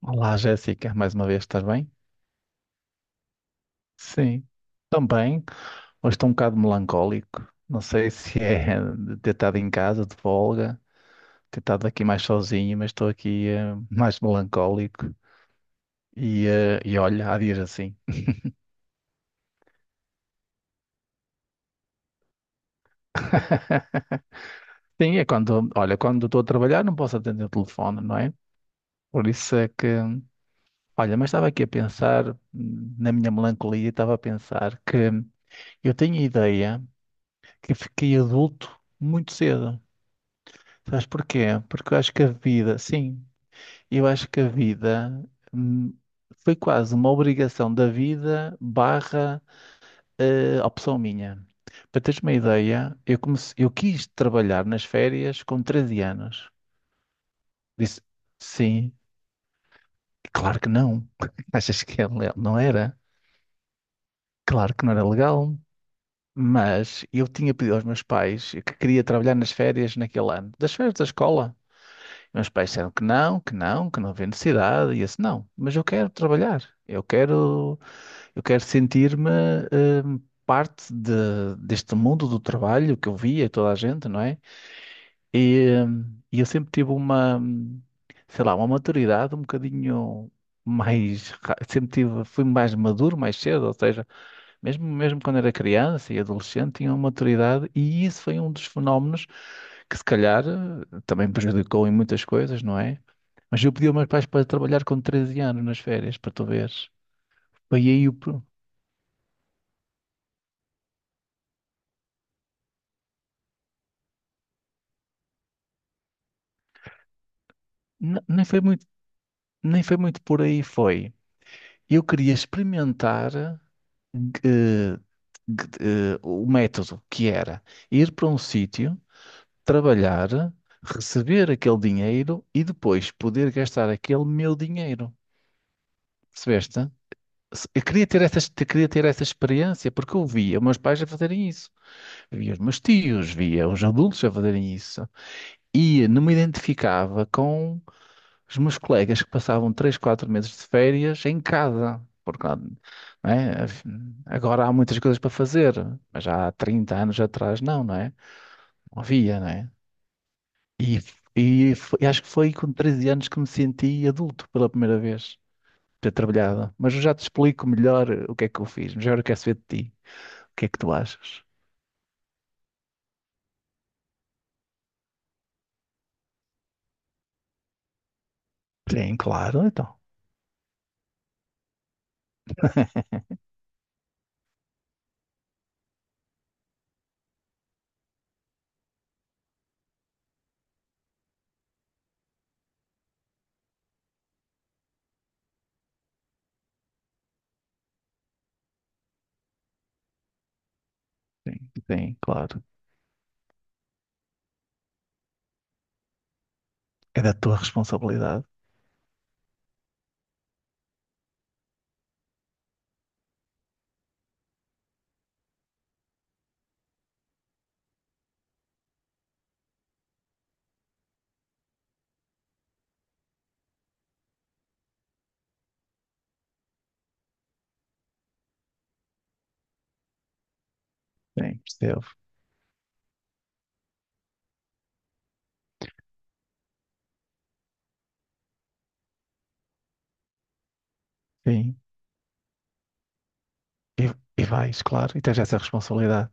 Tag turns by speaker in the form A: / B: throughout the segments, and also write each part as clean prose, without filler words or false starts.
A: Olá, Jéssica, mais uma vez, estás bem? Sim, também. Hoje estou um bocado melancólico. Não sei se é de ter estado em casa, de folga, ter estado aqui mais sozinho, mas estou aqui mais melancólico. E olha, há dias assim. Sim, é quando, olha, quando estou a trabalhar não posso atender o telefone, não é? Por isso é que, olha, mas estava aqui a pensar, na minha melancolia, estava a pensar que eu tenho a ideia que fiquei adulto muito cedo. Sabes porquê? Porque eu acho que a vida, sim, eu acho que a vida hum, foi quase uma obrigação da vida barra opção minha. Para teres uma ideia, eu quis trabalhar nas férias com 13 anos. Disse, sim, claro que não. Achas que é legal? Não era? Claro que não era legal. Mas eu tinha pedido aos meus pais que queria trabalhar nas férias naquele ano. Das férias da escola. Meus pais disseram que não, que não, que não havia necessidade, e eu disse, não, mas eu quero trabalhar, eu quero sentir-me hum, deste mundo do trabalho que eu via toda a gente, não é? E eu sempre tive uma, sei lá, uma maturidade um bocadinho sempre tive, fui mais maduro mais cedo, ou seja, mesmo, mesmo quando era criança e adolescente, tinha uma maturidade, e isso foi um dos fenómenos que se calhar também prejudicou em muitas coisas, não é? Mas eu pedi aos meus pais para trabalhar com 13 anos nas férias, para tu veres. Foi aí o... pro- Nem foi muito, nem foi muito por aí, foi. Eu queria experimentar o método que era ir para um sítio, trabalhar, receber aquele dinheiro e depois poder gastar aquele meu dinheiro. Percebeste? Eu queria ter essa, eu queria ter essa experiência porque eu via meus pais a fazerem isso, via os meus tios, via os adultos a fazerem isso. E não me identificava com os meus colegas que passavam 3 4 meses de férias em casa. Porque, lá, não é? Agora há muitas coisas para fazer, mas há 30 anos atrás não, não é? Não havia, não é? E, Acho que foi com 13 anos que me senti adulto pela primeira vez, ter trabalhado. Mas eu já te explico melhor o que é que eu fiz, mas agora eu quero saber de ti. O que é que tu achas? Sim, claro, então. Sim, sim, claro. É da tua responsabilidade. Sim, percebo. Sim. E, e vais, claro, e tens essa responsabilidade.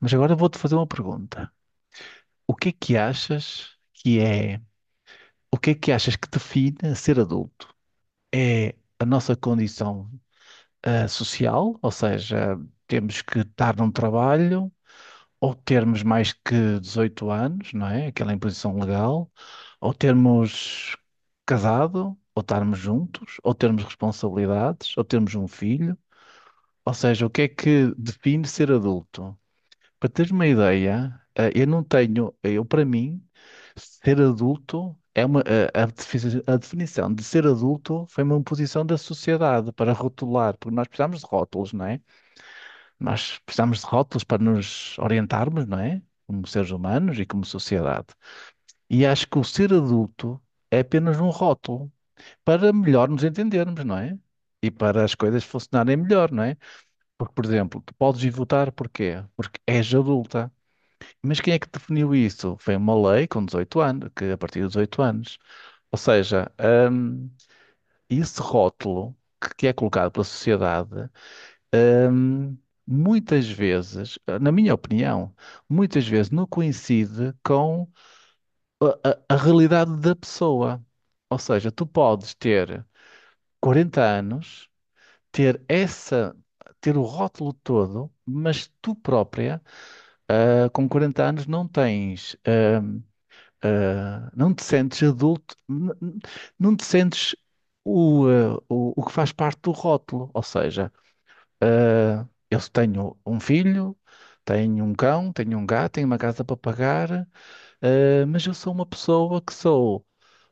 A: Mas agora vou-te fazer uma pergunta. O que é que achas que é, o que é que achas que define ser adulto? É a nossa condição, social, ou seja, temos que estar num trabalho, ou termos mais que 18 anos, não é? Aquela imposição legal, ou termos casado, ou estarmos juntos, ou termos responsabilidades, ou termos um filho. Ou seja, o que é que define ser adulto? Para teres uma ideia, eh, eu não tenho, eh, eu para mim, ser adulto é uma, a definição de ser adulto foi uma imposição da sociedade para rotular, porque nós precisamos de rótulos, não é? Nós precisamos de rótulos para nos orientarmos, não é? Como seres humanos e como sociedade. E acho que o ser adulto é apenas um rótulo para melhor nos entendermos, não é? E para as coisas funcionarem melhor, não é? Porque, por exemplo, tu podes ir votar porquê? Porque és adulta. Mas quem é que definiu isso? Foi uma lei com 18 anos, que a partir dos 18 anos. Ou seja, hum, esse rótulo que é colocado pela sociedade, hum, muitas vezes, na minha opinião, muitas vezes não coincide com a realidade da pessoa. Ou seja, tu podes ter 40 anos, ter essa, ter o rótulo todo, mas tu própria, com 40 anos, não tens. Não te sentes adulto, não te sentes o que faz parte do rótulo. Ou seja, eu tenho um filho, tenho um cão, tenho um gato, tenho uma casa para pagar, mas eu sou uma pessoa que sou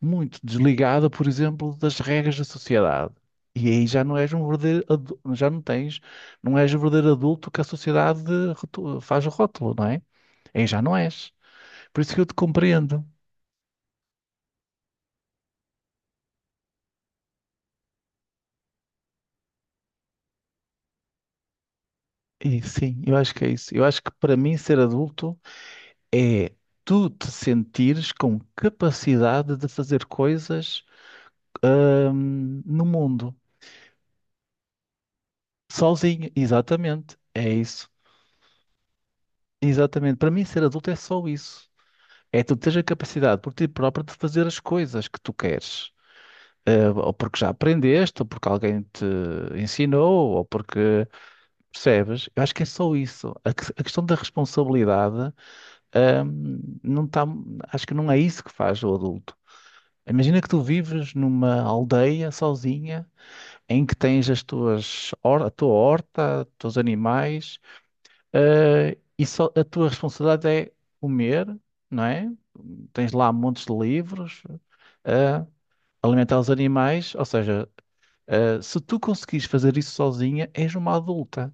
A: muito desligada, por exemplo, das regras da sociedade. E aí já não és um verdadeiro, já não tens, não és o verdadeiro adulto que a sociedade faz o rótulo, não é? Aí já não és. Por isso que eu te compreendo. E sim, eu acho que é isso. Eu acho que para mim ser adulto é tu te sentires com capacidade de fazer coisas, no mundo, sozinho. Exatamente, é isso. Exatamente. Para mim ser adulto é só isso. É tu teres a capacidade por ti próprio de fazer as coisas que tu queres. Ou porque já aprendeste, ou porque alguém te ensinou, ou porque percebes. Eu acho que é só isso. A questão da responsabilidade. Ahm, não tá, acho que não é isso que faz o adulto. Imagina que tu vives numa aldeia sozinha em que tens as tuas, a tua horta, os teus animais, e só, a tua responsabilidade é comer, não é? Tens lá montes de livros, ah, alimentar os animais, ou seja, se tu conseguires fazer isso sozinha, és uma adulta.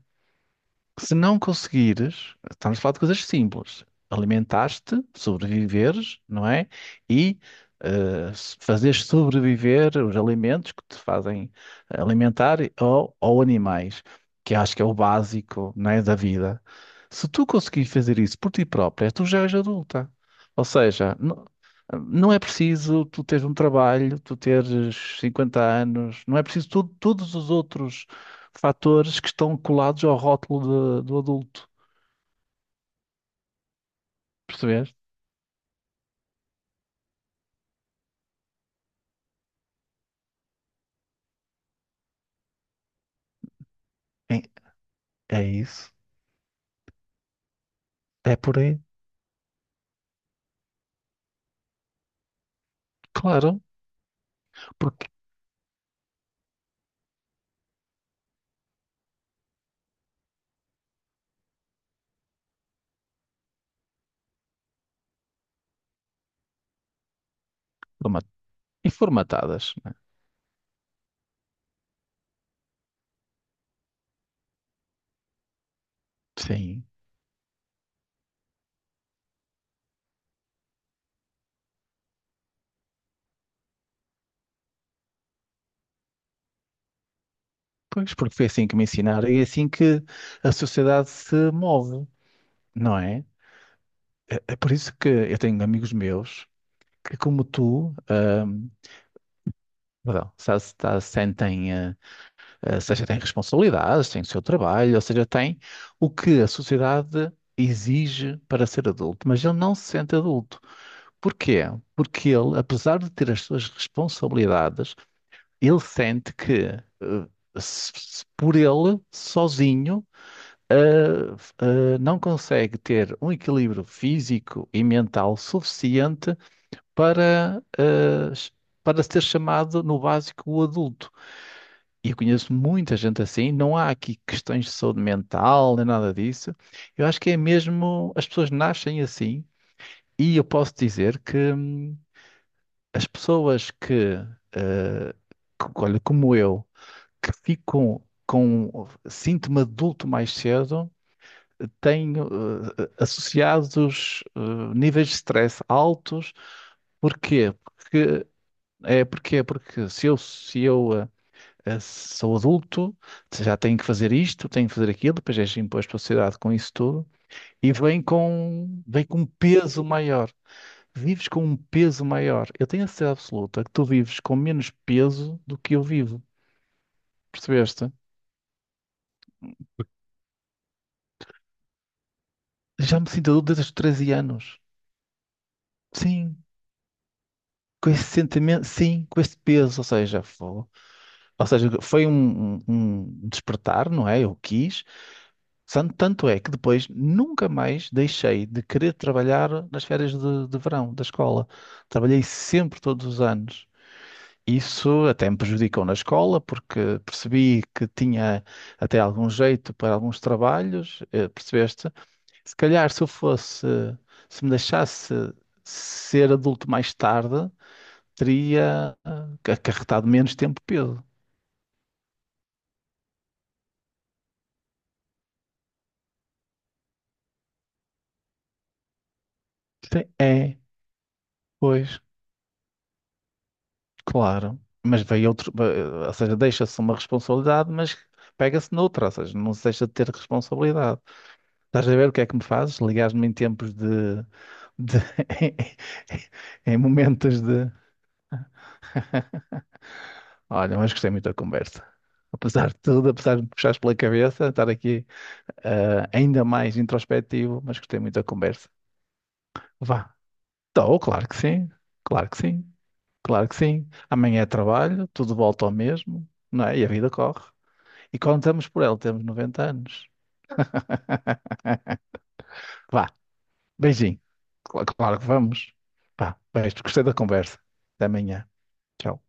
A: Se não conseguires, estamos a falar de coisas simples. Alimentaste, sobreviveres, não é? E fazeres sobreviver os alimentos que te fazem alimentar ou animais, que acho que é o básico, não é, da vida. Se tu conseguires fazer isso por ti própria, tu já és adulta. Ou seja, não é preciso tu teres um trabalho, tu teres 50 anos, não é preciso todos os outros fatores que estão colados ao rótulo do adulto. Percebeste? É, é isso. É por aí. Claro. Porque, forma- e formatadas, né? Sim. Pois, porque foi assim que me ensinaram e é assim que a sociedade se move, não é? É, é por isso que eu tenho amigos meus que, como tu, perdão, sentem, seja têm responsabilidades, têm o seu trabalho, ou seja, têm o que a sociedade exige para ser adulto, mas ele não se sente adulto. Porquê? Porque ele, apesar de ter as suas responsabilidades, ele sente que se, se por ele, sozinho, não consegue ter um equilíbrio físico e mental suficiente para, para ser chamado no básico o adulto. E eu conheço muita gente assim, não há aqui questões de saúde mental nem nada disso. Eu acho que é mesmo, as pessoas nascem assim, e eu posso dizer que. As pessoas que, que, olha, como eu, que ficam com síntoma de adulto mais cedo, têm associados níveis de stress altos. Porquê? Porque se eu, se eu sou adulto, já tenho que fazer isto, tenho que fazer aquilo, depois és imposto à sociedade com isso tudo, e vem com um peso maior. Vives com um peso maior. Eu tenho a certeza absoluta que tu vives com menos peso do que eu vivo. Percebeste? Já me sinto adulto desde os 13 anos. Sim, com esse sentimento, sim, com esse peso. Ou seja, ou seja, foi um, um despertar, não é? Eu quis. Tanto é que depois nunca mais deixei de querer trabalhar nas férias de verão da escola. Trabalhei sempre todos os anos. Isso até me prejudicou na escola, porque percebi que tinha até algum jeito para alguns trabalhos, percebeste? Se calhar se eu fosse, se me deixasse ser adulto mais tarde, teria acarretado menos tempo peso. Sim, É, pois, claro. Mas veio outro, ou seja, deixa-se uma responsabilidade, mas pega-se noutra, ou seja, não se deixa de ter responsabilidade. Estás a ver o que é que me fazes? Ligares-me em tempos de de- em momentos de. Olha, mas gostei muito da conversa. Apesar de tudo, apesar de me puxares pela cabeça, estar aqui ainda mais introspectivo, mas gostei muito da conversa. Vá. Estou, claro que sim, claro que sim, claro que sim. Amanhã é trabalho, tudo volta ao mesmo, não é? E a vida corre. E quando estamos por ela, temos 90 anos. Vá, beijinho. Claro, que vamos. Vá, beijo. Gostei da conversa. Até amanhã. Tchau.